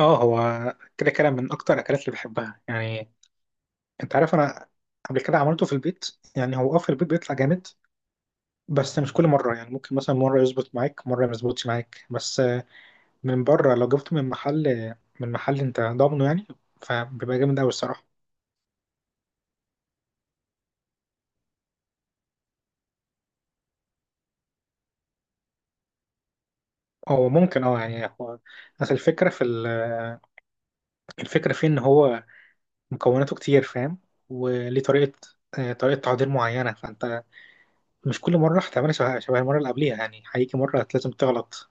اه، هو كده كده من اكتر الاكلات اللي بحبها، يعني انت عارف. انا قبل كده عملته في البيت. يعني هو في البيت بيطلع جامد، بس مش كل مره. يعني ممكن مثلا مره يظبط معاك، مره ما يظبطش معاك. بس من بره لو جبته من محل، انت ضامنه، يعني فبيبقى جامد قوي الصراحه. هو ممكن يعني هو اصل الفكره في الفكره فيه ان هو مكوناته كتير فاهم. وليه طريقه، طريقه تعضير معينه، فانت مش كل مره هتعملها شبه المره اللي قبليها. يعني هيجي مره لازم تغلط.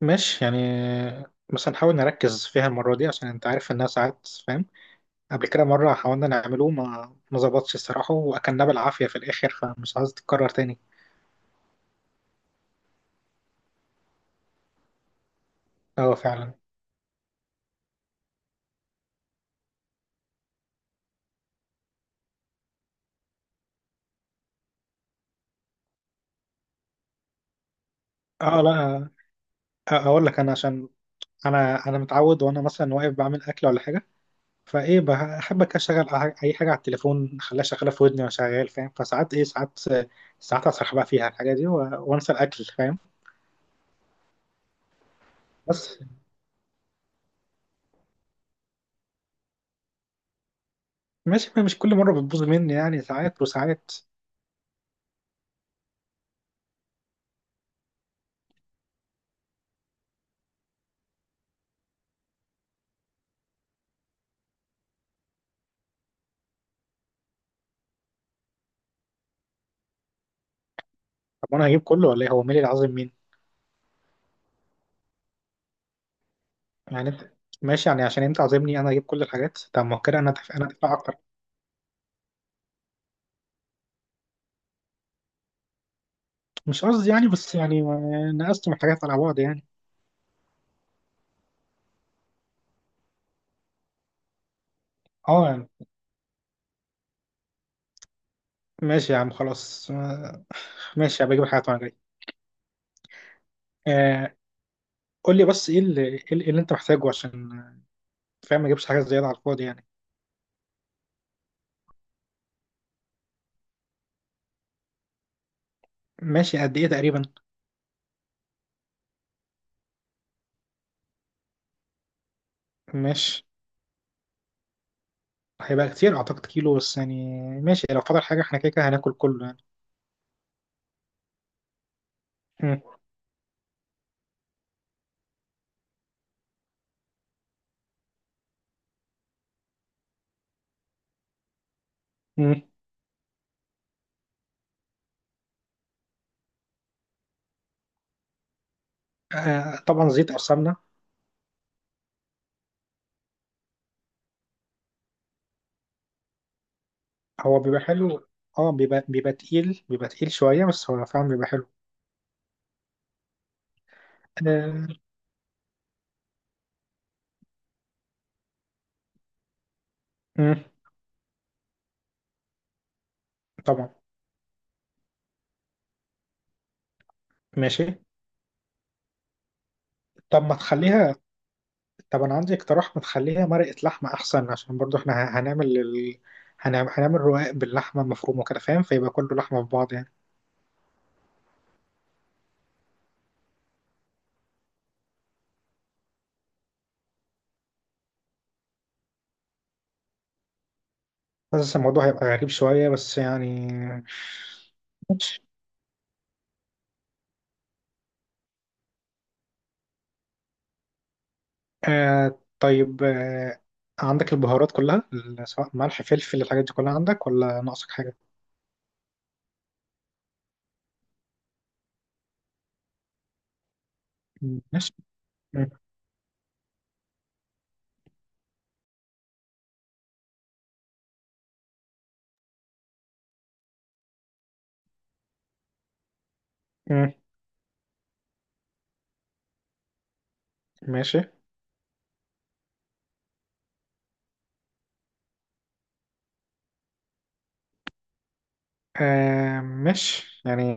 ماشي يعني، بس نحاول نركز فيها المرة دي، عشان انت عارف انها ساعات فاهم. قبل كده مرة حاولنا نعمله ما ظبطش الصراحة، واكلناه بالعافية في الاخر، فمش عايز تتكرر تاني. اه فعلا. اه لا. اقول لك انا، عشان انا متعود. وانا مثلا واقف بعمل اكل ولا حاجة، فايه بحب كده اشغل اي حاجة على التليفون، اخليها شغالة في ودني وانا شغال فاهم. فساعات ايه ساعات ساعات اسرح بقى فيها الحاجة دي، وانسى الاكل فاهم. بس ماشي، مش كل مرة بتبوظ مني. يعني ساعات وساعات. طب وانا هجيب كله ولا ايه؟ هو مالي العظيم مين؟ يعني انت. ماشي يعني، عشان انت عازمني انا هجيب كل الحاجات. طب ما هو كده انا دافع اكتر. مش قصدي يعني، بس يعني نقصت من الحاجات على بعض يعني. اه يعني ماشي يا عم، خلاص. ماشي، هبقى اجيب الحاجات وانا جاي. آه قول لي بس ايه اللي، إيه اللي انت محتاجه، عشان فاهم، ما اجيبش حاجات زياده على الفاضي يعني. ماشي، قد ايه تقريبا؟ ماشي. هيبقى كتير اعتقد كيلو، بس يعني ماشي، لو فضل حاجه احنا كده كده هناكل كله يعني. مم. مم. آه طبعا، زيت او سمنه. هو بيبقى حلو. اه، بيبقى تقيل شوية، بس هو فعلا بيبقى حلو. آه. مم. طبعا. ماشي. طب ما تخليها طب انا عندي اقتراح، ما تخليها مرقة لحمة احسن، عشان برضو احنا هنعمل هنعمل رقاق باللحمة المفرومة كده فاهم، فيبقى كله لحمة في بعض يعني. بس الموضوع هيبقى غريب شوية، بس يعني. ماشي. آه طيب. آه. عندك البهارات كلها، سواء ملح فلفل الحاجات دي، كلها عندك ولا ناقصك حاجة؟ ماشي. مم. مم. ماشي. آه مش يعني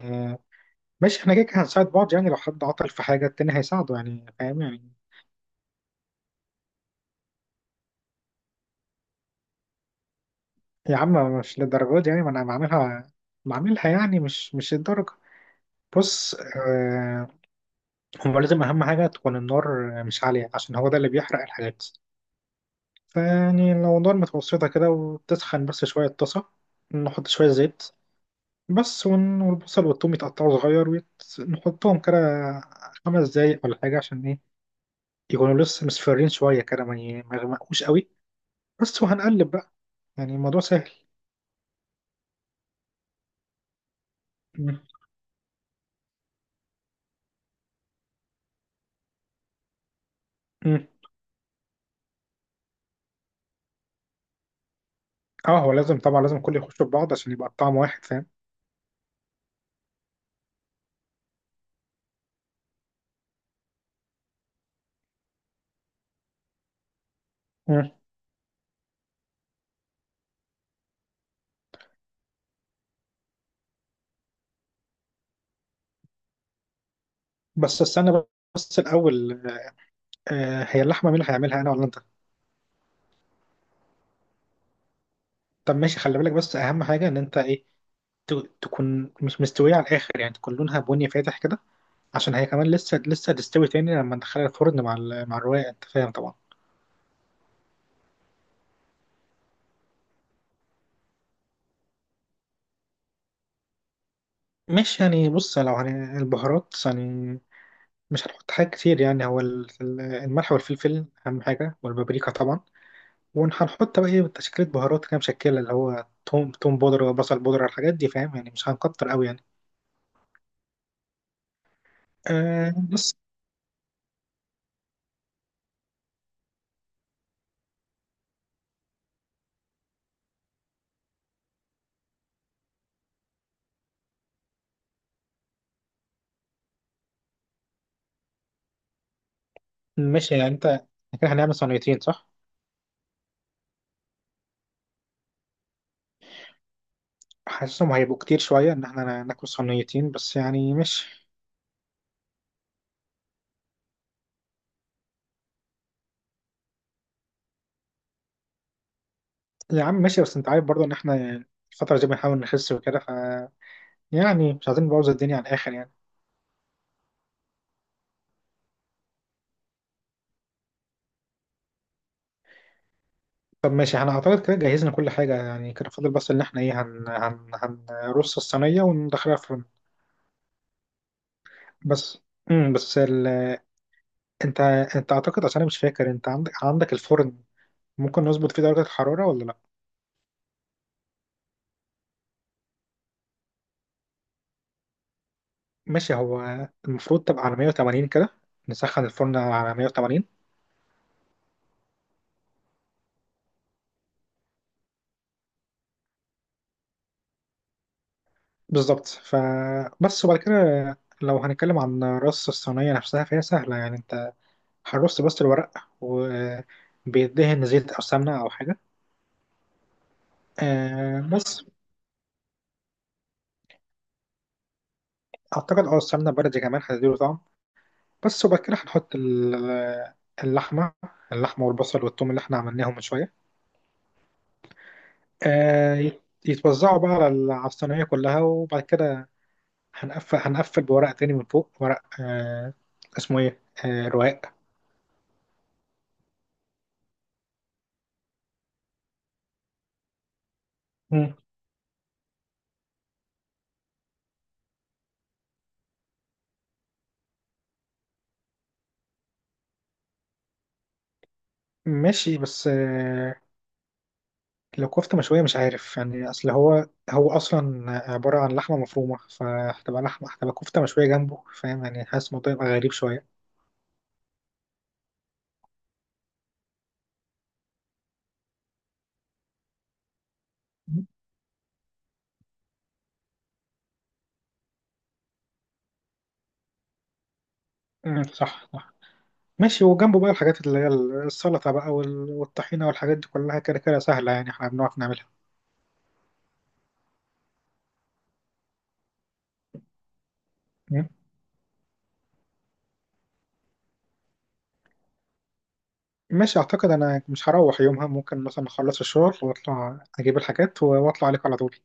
مش احنا كده كده هنساعد بعض؟ يعني لو حد عطل في حاجة التاني هيساعده، يعني فاهم يعني. يا عم مش للدرجة دي. يعني ما انا بعملها يعني مش الدرجة. بص هو لازم أهم حاجة تكون النار مش عالية، عشان هو ده اللي بيحرق الحاجات. فيعني لو النار متوسطة كده وتسخن بس شوية الطاسة، نحط شوية زيت بس. والبصل والثوم يتقطعوا صغير، ونحطهم كده خمس دقايق ولا حاجة، عشان ايه يكونوا لسه مصفرين شوية كده، ما يغمقوش قوي. بس وهنقلب بقى، يعني الموضوع سهل. مم. مم. اه، هو لازم طبعا، لازم كله يخشوا في بعض عشان يبقى الطعم واحد فاهم. مم. بس استنى، بس الأول. هي اللحمة مين اللي هيعملها، أنا ولا أنت؟ طب ماشي، خلي بالك بس أهم حاجة إن أنت ت- تكون مش مستوية على الآخر، يعني تكون لونها بني فاتح كده، عشان هي كمان لسه لسه تستوي تاني لما ندخلها الفرن مع مع الرواية، أنت فاهم طبعا. ماشي يعني. بص لو البهارات يعني، مش هنحط حاجات كتير يعني، هو الملح والفلفل أهم حاجة، والبابريكا طبعا. وهنحط بقى إيه، تشكيلة بهارات كده مشكلة اللي هو توم بودرة وبصل بودرة، الحاجات دي فاهم، يعني مش هنكتر أوي يعني. آه بس. ماشي يعني أنت، إحنا كده هنعمل صينيتين، صح؟ حاسسهم هيبقوا كتير شوية إن إحنا ناكل صينيتين، بس يعني مش. يا عم ماشي، بس أنت عارف برضه إن إحنا الفترة دي بنحاول نخس وكده، ف يعني مش عايزين نبوظ الدنيا على الآخر يعني. طب ماشي، احنا اعتقد كده جهزنا كل حاجة يعني. كده فاضل بس ان احنا ايه هن هن هنرص الصينية وندخلها الفرن. بس بس انت انت اعتقد عشان انا مش فاكر، انت عندك الفرن ممكن نظبط فيه درجة الحرارة ولا لا؟ ماشي. هو المفروض تبقى على 180 كده، نسخن الفرن على 180 بالظبط. فبس وبعد كده، لو هنتكلم عن رص الصينية نفسها فهي سهلة يعني. انت هنرص بس الورق، وبيدهن زيت او سمنة او حاجة. آه بس اعتقد السمنه بلدي كمان هتديله طعم. بس وبعد كده هنحط اللحمه اللحمه والبصل والثوم اللي احنا عملناهم من شويه. يتوزعوا بقى على على الصينيه كلها، وبعد كده هنقفل بورق تاني من فوق، ورق اسمه ايه، رواق. مم. ماشي بس. لو كفته مشويه مش عارف يعني، اصل هو اصلا عباره عن لحمه مفرومه، فهتبقى هتبقى كفته مشويه جنبه، فاهم يعني. حاسس الموضوع يبقى غريب شويه. مم، صح صح. ماشي. وجنبه بقى الحاجات اللي هي السلطة بقى والطحينة والحاجات دي كلها كده كده سهلة، يعني احنا بنعرف نعملها. مم. ماشي. أعتقد أنا مش هروح يومها، ممكن مثلا أخلص الشغل وأطلع أجيب الحاجات، وأطلع عليك على طول.